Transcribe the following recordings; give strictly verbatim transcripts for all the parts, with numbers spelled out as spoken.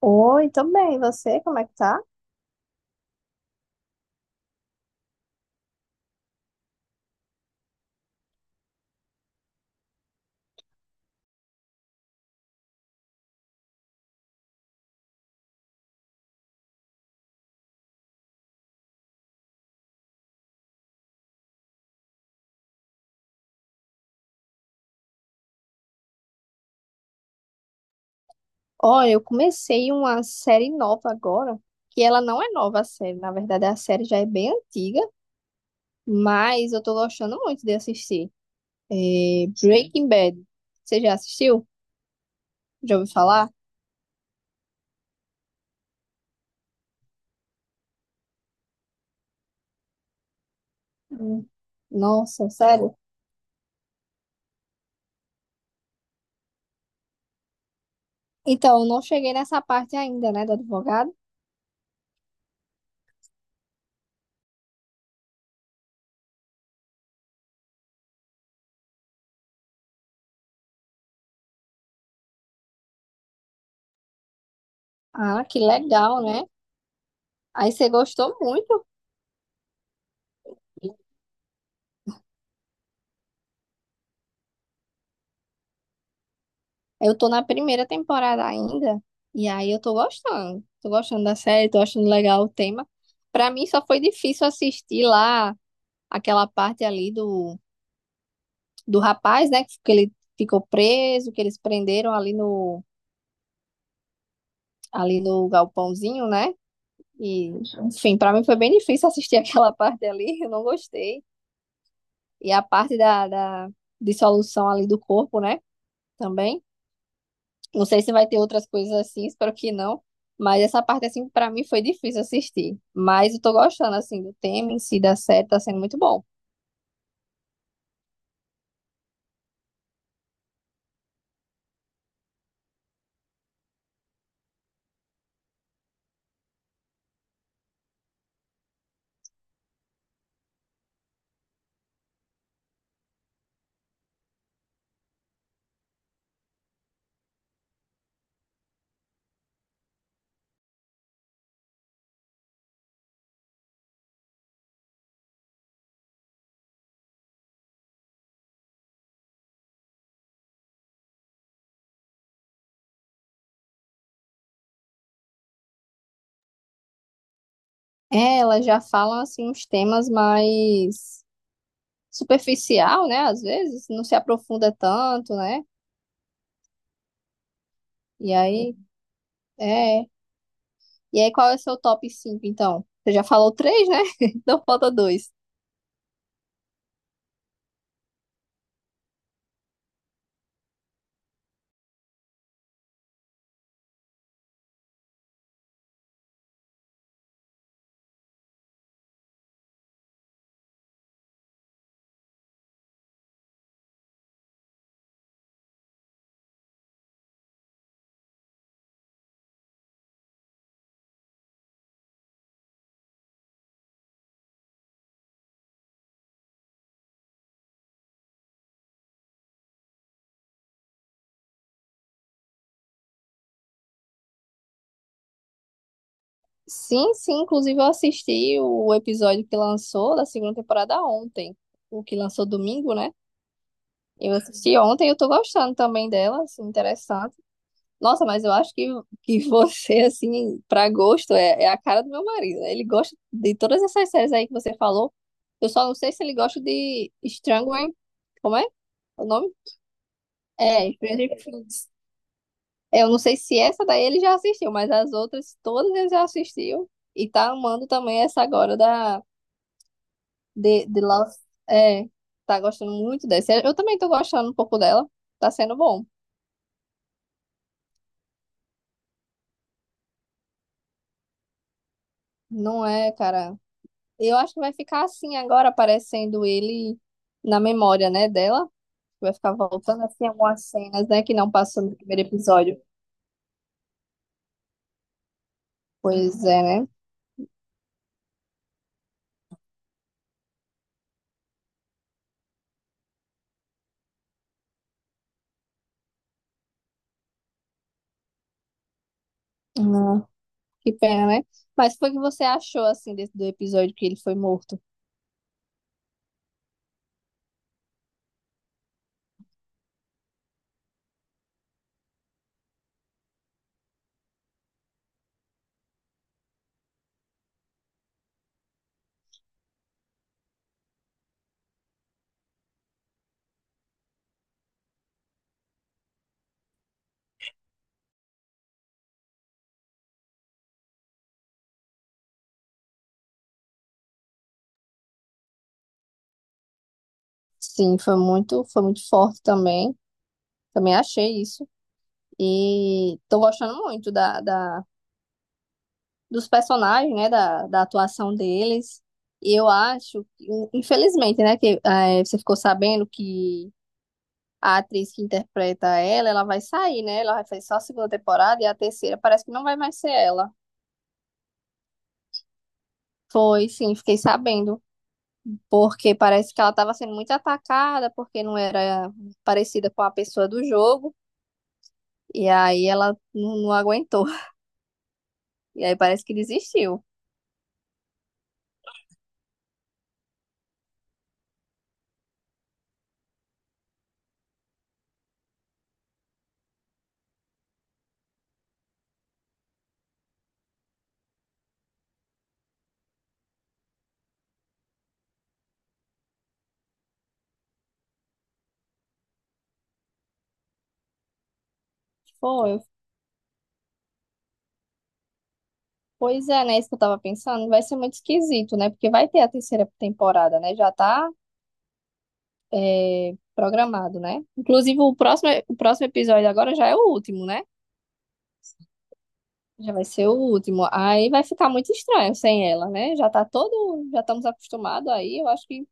Oi, tô bem. E você, como é que tá? Olha, eu comecei uma série nova agora, que ela não é nova a série, na verdade a série já é bem antiga, mas eu tô gostando muito de assistir. É Breaking Bad. Você já assistiu? Já ouviu falar? Hum. Nossa, sério? Então, eu não cheguei nessa parte ainda, né, do advogado. Ah, que legal, né? Aí você gostou muito. Eu tô na primeira temporada ainda, e aí eu tô gostando. Tô gostando da série, tô achando legal o tema. Pra mim só foi difícil assistir lá aquela parte ali do, do rapaz, né? Que ele ficou preso, que eles prenderam ali no, ali no galpãozinho, né? E, enfim, pra mim foi bem difícil assistir aquela parte ali, eu não gostei. E a parte da, da dissolução ali do corpo, né? Também. Não sei se vai ter outras coisas assim, espero que não. Mas essa parte, assim, pra mim foi difícil assistir. Mas eu tô gostando, assim, do tema em si, da série, tá sendo muito bom. É, elas já falam, assim, uns temas mais superficial, né? Às vezes, não se aprofunda tanto, né? E aí, é. E aí, qual é o seu top cinco então? Você já falou três, né? Então falta dois. Sim, sim, inclusive eu assisti o episódio que lançou da segunda temporada ontem. O que lançou domingo, né? Eu assisti ontem, eu tô gostando também dela, assim, interessante. Nossa, mas eu acho que, que você, assim, pra gosto, é, é a cara do meu marido, né? Ele gosta de todas essas séries aí que você falou. Eu só não sei se ele gosta de Strangler. Como é o nome? É, Stranger Things. Eu não sei se essa daí ele já assistiu, mas as outras todas ele já assistiu. E tá amando também essa agora da de, de Lost. É, tá gostando muito dessa. Eu também tô gostando um pouco dela. Tá sendo bom. Não é, cara. Eu acho que vai ficar assim agora, aparecendo ele na memória, né, dela. Vai ficar voltando assim algumas cenas, né, que não passou no primeiro episódio. Pois é, né? Ah, que pena, né? Mas foi o que você achou, assim, desse, do episódio que ele foi morto? Sim, foi muito, foi muito forte também. Também achei isso. E tô gostando muito da, da, dos personagens, né, da, da atuação deles. E eu acho que, infelizmente, né, que eh, você ficou sabendo que a atriz que interpreta ela, ela vai sair, né? Ela vai fazer só a segunda temporada e a terceira parece que não vai mais ser ela. Foi, sim, fiquei sabendo. Porque parece que ela estava sendo muito atacada, porque não era parecida com a pessoa do jogo. E aí ela não, não aguentou. E aí parece que desistiu. Foi. Pois é, né? Isso que eu tava pensando. Vai ser muito esquisito, né? Porque vai ter a terceira temporada, né? Já tá, é, programado, né? Inclusive, o próximo, o próximo episódio agora já é o último, né? Já vai ser o último. Aí vai ficar muito estranho sem ela, né? Já tá todo, já estamos acostumados aí. Eu acho que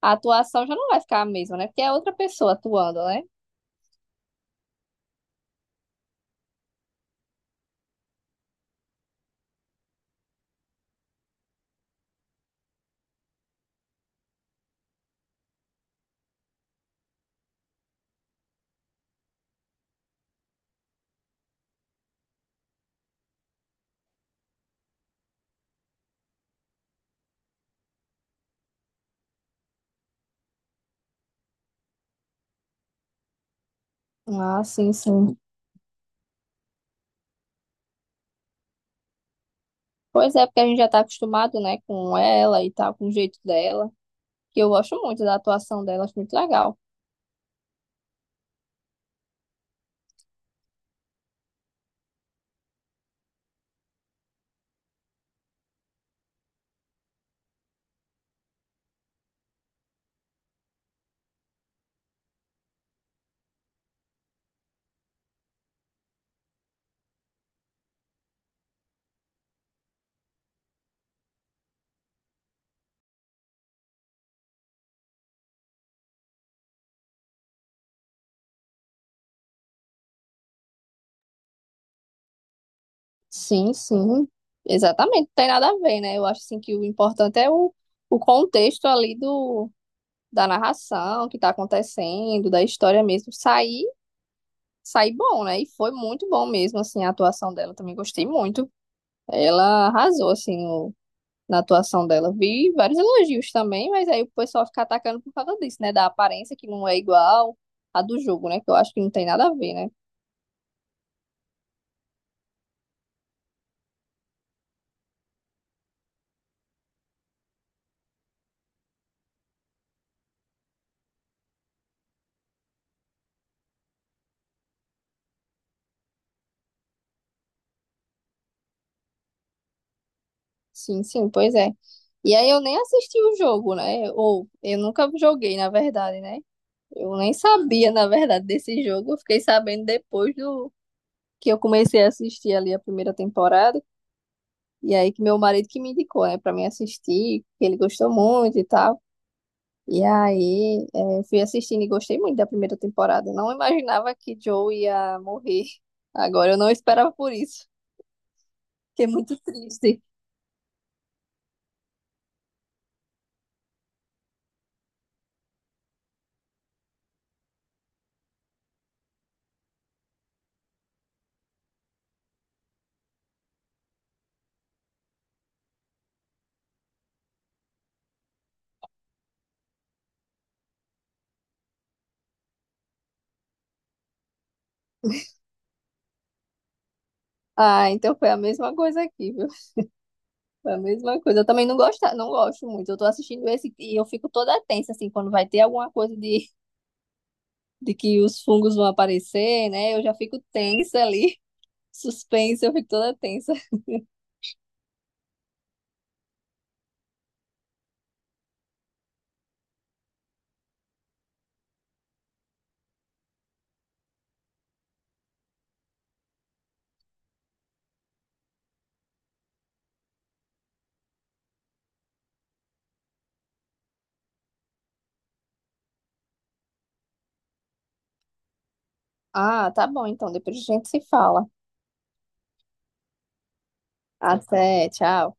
a atuação já não vai ficar a mesma, né? Porque é outra pessoa atuando, né? Ah, sim, sim. Pois é, porque a gente já tá acostumado, né, com ela e tal, com o jeito dela. Que eu gosto muito da atuação dela, acho muito legal. Sim, sim. Exatamente, não tem nada a ver, né? Eu acho assim que o importante é o, o contexto ali do da narração, o que tá acontecendo, da história mesmo, sair sair bom, né? E foi muito bom mesmo, assim, a atuação dela. Também gostei muito. Ela arrasou, assim, o- na atuação dela. Vi vários elogios também, mas aí o pessoal fica atacando por causa disso, né? Da aparência que não é igual à do jogo, né? Que eu acho que não tem nada a ver, né? Sim, sim, pois é. E aí eu nem assisti o jogo, né? Ou eu nunca joguei, na verdade, né? Eu nem sabia, na verdade, desse jogo. Eu fiquei sabendo depois do que eu comecei a assistir ali a primeira temporada. E aí que meu marido que me indicou, né, pra mim assistir, que ele gostou muito e tal. E aí, é, fui assistindo e gostei muito da primeira temporada. Não imaginava que Joe ia morrer agora. Eu não esperava por isso. Fiquei muito triste. Ah, então foi a mesma coisa aqui, viu? Foi a mesma coisa. Eu também não gosto, não gosto muito. Eu tô assistindo esse e eu fico toda tensa, assim, quando vai ter alguma coisa de, de que os fungos vão aparecer, né? Eu já fico tensa ali. Suspense, eu fico toda tensa. Ah, tá bom, então depois a gente se fala. Até, tchau.